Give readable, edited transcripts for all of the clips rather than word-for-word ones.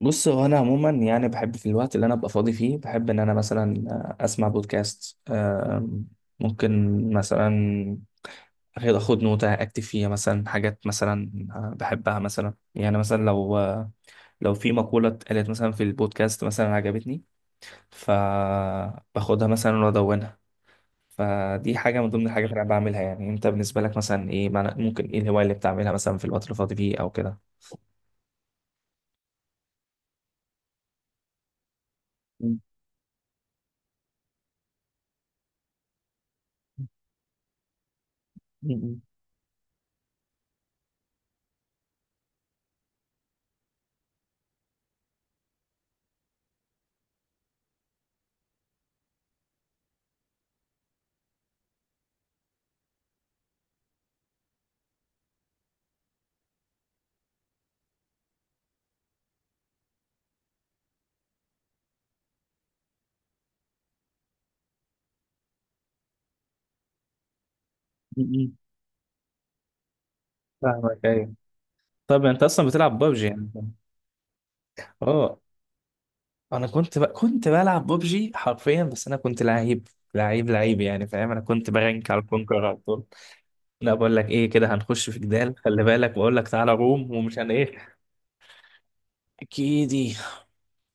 بص، هو انا عموما يعني بحب في الوقت اللي انا ابقى فاضي فيه، بحب ان انا مثلا اسمع بودكاست، ممكن مثلا أخد نوتة اكتب فيها مثلا حاجات مثلا بحبها، مثلا يعني مثلا لو في مقولة اتقالت مثلا في البودكاست مثلا عجبتني، فباخدها مثلا وادونها. فدي حاجة من ضمن الحاجات اللي انا بعملها. يعني انت بالنسبة لك مثلا ايه ممكن ايه الهواية اللي بتعملها مثلا في الوقت اللي فاضي فيه او كده؟ م- م- م- م- فاهمك، أيوة. طب انت اصلا بتلعب ببجي يعني؟ اه، انا كنت بلعب ببجي حرفيا، بس انا كنت لعيب لعيب لعيب يعني، فاهم؟ انا كنت برانك على الكونكر على طول. لا، بقول لك ايه، كده هنخش في جدال، خلي بالك، بقول لك تعالى روم ومش عن ايه. كيدي؟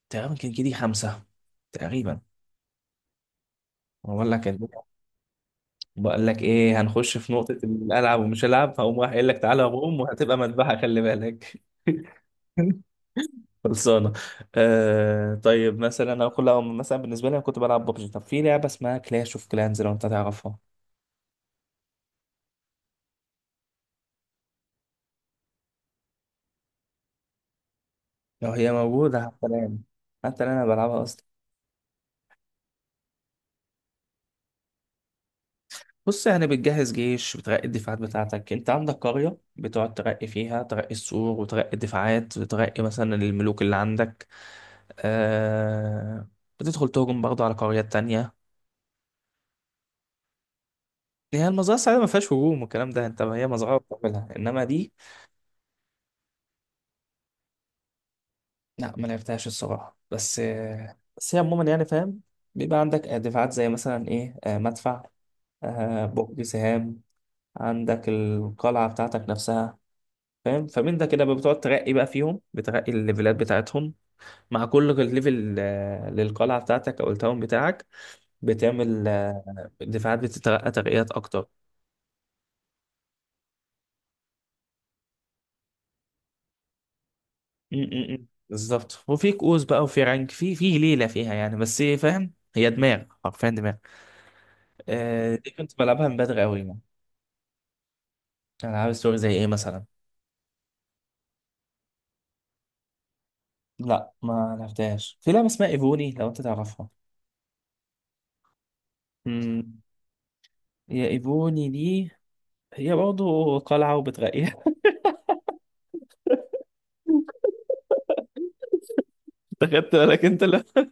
تقريبا كان كيدي خمسة تقريبا. بقول لك، بقول لك ايه، هنخش في نقطة الالعب ومش العب، هقوم راح قايل لك تعالى روم، وهتبقى مذبحة، خلي بالك. خلصانة. آه طيب مثلا انا كل مثلا بالنسبة لي انا كنت بلعب ببجي. طب في لعبة اسمها كلاش اوف كلانز، لو انت تعرفها؟ لو هي موجودة حتى الآن. حتى الآن انا بلعبها اصلا. بص، يعني بتجهز جيش، بترقي الدفاعات بتاعتك. انت عندك قرية بتقعد ترقي فيها، ترقي السور وترقي الدفاعات وترقي مثلا الملوك اللي عندك. آه، بتدخل تهجم برضه على قريات تانية. هي المزرعة السعيدة ما فيهاش هجوم والكلام ده، انت هي مزرعة بتعملها، انما دي لا، ما لعبتهاش الصراحة. بس بس هي عموما يعني فاهم، بيبقى عندك دفاعات زي مثلا ايه، آه، مدفع، آه، برج سهام، عندك القلعة بتاعتك نفسها، فاهم؟ فمن ده كده بتقعد ترقي بقى فيهم، بترقي الليفلات بتاعتهم. مع كل ليفل آه، للقلعة بتاعتك أو التاون بتاعك، بتعمل آه، دفاعات، بتترقى ترقيات أكتر. م- م. بالظبط. وفي كؤوس بقى وفي رانك، في ليلة فيها يعني، بس فاهم هي دماغ، حرفيا دماغ. آه، دي كنت بلعبها من بدري أوي يعني. العاب ستوري زي ايه مثلا؟ لا، ما لعبتهاش. في لعبه اسمها ايفوني، لو انت تعرفها؟ امم، هي ايفوني دي، هي برضه قلعه وبتغير. انت خدت بالك؟ انت لا،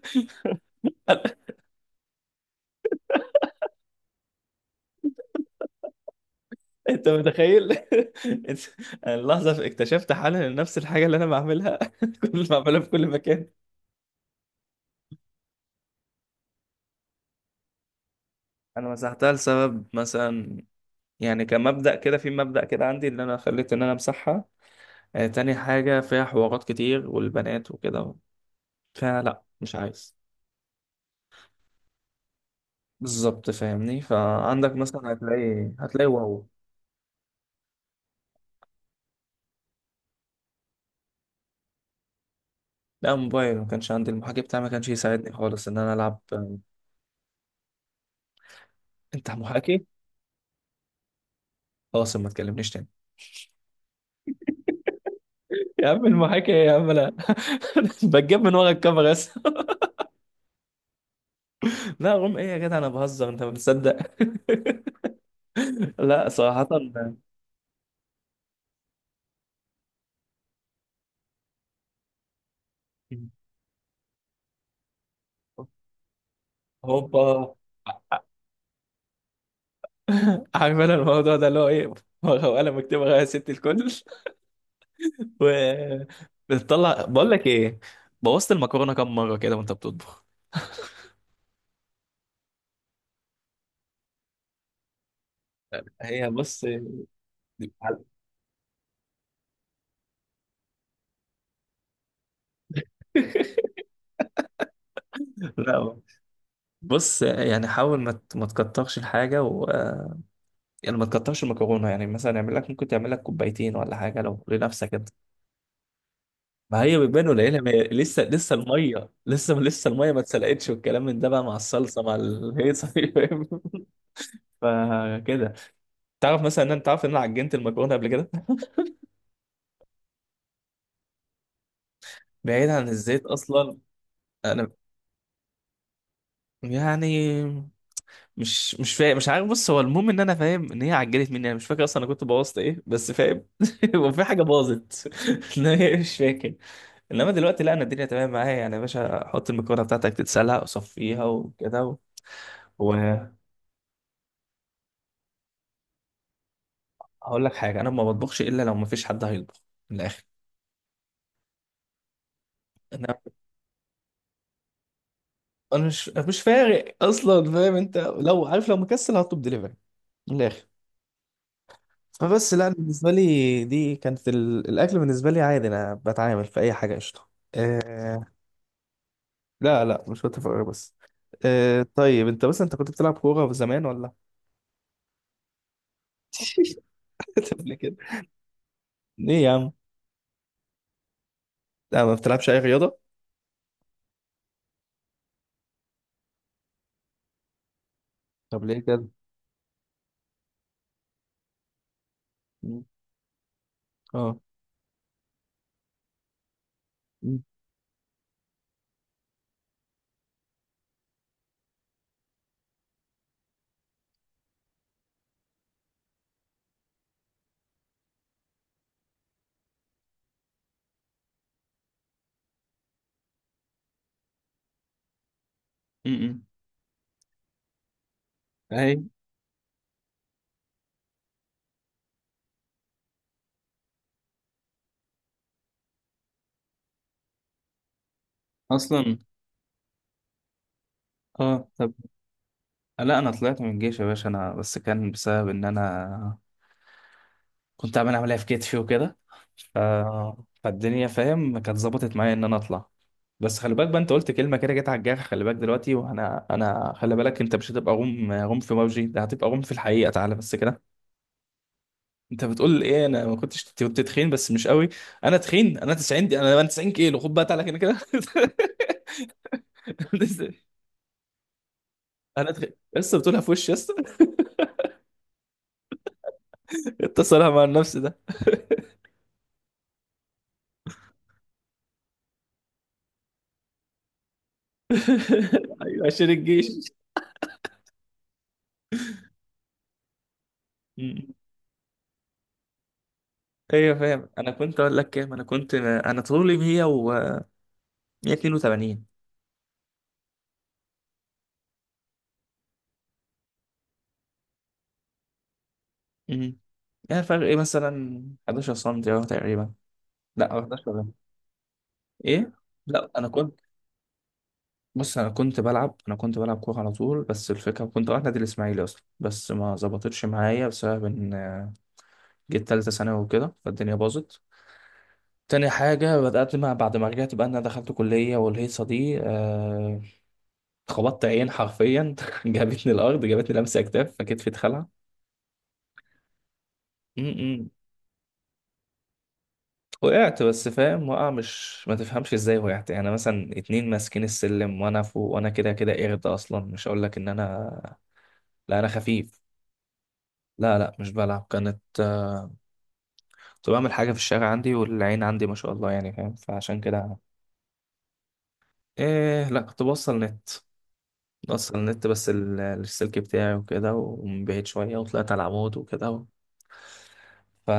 انت متخيل؟ انت- انا اللحظه اكتشفت حالا ان نفس الحاجه اللي انا بعملها، كل ما بعملها في كل مكان. انا مسحتها لسبب مثلا، يعني كمبدأ كده، في مبدأ كده عندي اللي انا خليت ان انا امسحها. آه، تاني حاجه، فيها حوارات كتير والبنات وكده، فلا مش عايز. بالظبط، فاهمني؟ فعندك مثلا هتلاقي، هتلاقي واو. لا، موبايل. ما كانش عندي، المحاكي بتاعي ما كانش يساعدني خالص ان انا العب. انت محاكي؟ خلاص، ما تكلمنيش تاني. يا عم المحاكي إيه يا عم، انا بتجيب من ورا الكاميرا بس. لا، غم ايه يا جدع، انا بهزر، انت ما بتصدق؟ لا صراحة. هوبا. عارف انا الموضوع ده اللي هو ايه؟ ورقه وقلم، اكتب ورقه يا ست الكل. و، بتطلع، بقول لك ايه، بوظت المكرونه كام مره كده وانت بتطبخ؟ هي بص، لا بص يعني، حاول ما ما تكترش الحاجه و آه، يعني ما تكترش المكرونه. يعني مثلا اعمل لك، ممكن تعمل لك كوبايتين ولا حاجه لو لنفسك انت. ما هي بتبان قليله، ما هي لسه لسه الميه، لسه لسه الميه ما اتسلقتش، والكلام من ده بقى، مع الصلصه مع الهيصه، فاهم؟ فكده. تعرف مثلا ان انت، عارف ان انا عجنت المكرونه قبل كده؟ بعيد عن الزيت اصلا. انا يعني، مش فاهم، مش عارف. بص، هو المهم ان انا فاهم ان هي عجلت مني. انا مش فاكر اصلا انا كنت بوظت ايه، بس فاهم. هو في حاجه باظت. لا هي مش فاكر. انما دلوقتي لا، انا الدنيا تمام معايا يعني. يا باشا حط المكرونه بتاعتك تتسلق، وصفيها، وكده، و... وهقول لك حاجه، انا ما بطبخش الا لو ما فيش حد هيطبخ. من الاخر. انا انا مش فارق اصلا، فاهم؟ انت لو عارف، لو مكسل هطلب دليفري. من الاخر. فبس لا، أنا بالنسبه لي دي كانت الاكل بالنسبه لي عادي، انا بتعامل في اي حاجه قشطه. آه، لا لا مش وقت فراغ بس. آه طيب انت بس، انت كنت بتلعب كورة زمان ولا؟ قبل كده. ليه يا عم؟ لا، ما بتلعبش اي رياضة؟ طب ليه كده؟ مم. اه. مم. مم. اهي. اصلا. اه طب. لا انا طلعت من الجيش يا باشا. انا بس كان بسبب ان انا كنت عامل عملية في كتفي وكده، ف... فالدنيا فاهم كانت ظبطت معايا ان انا اطلع. بس خلي بالك بقى، انت قلت كلمة كده جت على الجرح. خلي بالك دلوقتي، وانا، انا خلي بالك، انت مش هتبقى غم غم في موجي ده، هتبقى غم في الحقيقة، تعالى بس كده. انت بتقول ايه، انا ما كنتش كنت تخين بس مش قوي؟ انا تخين. انا 90 دي، انا 90 كيلو، خد بقى تعالى كده كده. انا تخين، لسه بتقولها في وشي لسه؟ انت صالح مع النفس ده. ايوه عشان الجيش. ايوه فاهم. انا كنت اقول لك كام، انا كنت، انا طولي 100 و 182. امم، يعني فرق ايه مثلا؟ 11 سم اهو تقريبا. لا 11 ده. ايه؟ لا انا كنت، بص انا كنت بلعب، انا كنت بلعب كوره على طول. بس الفكره كنت رايح نادي الاسماعيلي اصلا، بس ما ظبطتش معايا بسبب ان جيت ثالثه ثانوي وكده، فالدنيا باظت. تاني حاجة بدأت ما بعد ما رجعت بقى، إن أنا دخلت كلية والهيصة دي، آه، خبطت عين حرفيا. جابتني الأرض، جابتني لمسة أكتاف، فكتفي اتخلع. وقعت بس، فاهم وقع مش، ما تفهمش ازاي وقعت يعني. مثلا اتنين ماسكين السلم وانا فوق، وانا كده كده قرد اصلا، مش هقول لك ان انا، لا انا خفيف. لا لا مش بلعب، كانت كنت بعمل حاجه في الشارع عندي، والعين عندي ما شاء الله يعني، فاهم؟ فعشان كده، ايه لا كنت بوصل نت. بوصل نت بس السلك بتاعي وكده، ومن بعيد شويه، وطلعت على العمود وكده، ف،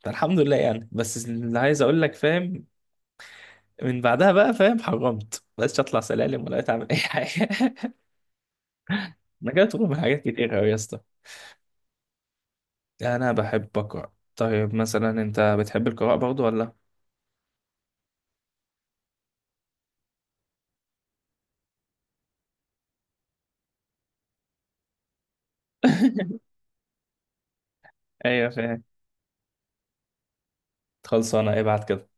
فالحمد لله يعني. بس اللي عايز اقول لك، فاهم، من بعدها بقى فاهم حرمت، بقيتش اطلع سلالم ولا بقيت اعمل اي حاجه. انا جاي تروح من حاجات كتير قوي يا اسطى. يعني انا بحب اقرا. طيب مثلا انت بتحب القراءه برضو ولا؟ ايوه فاهم. خلصانه، ابعت كده.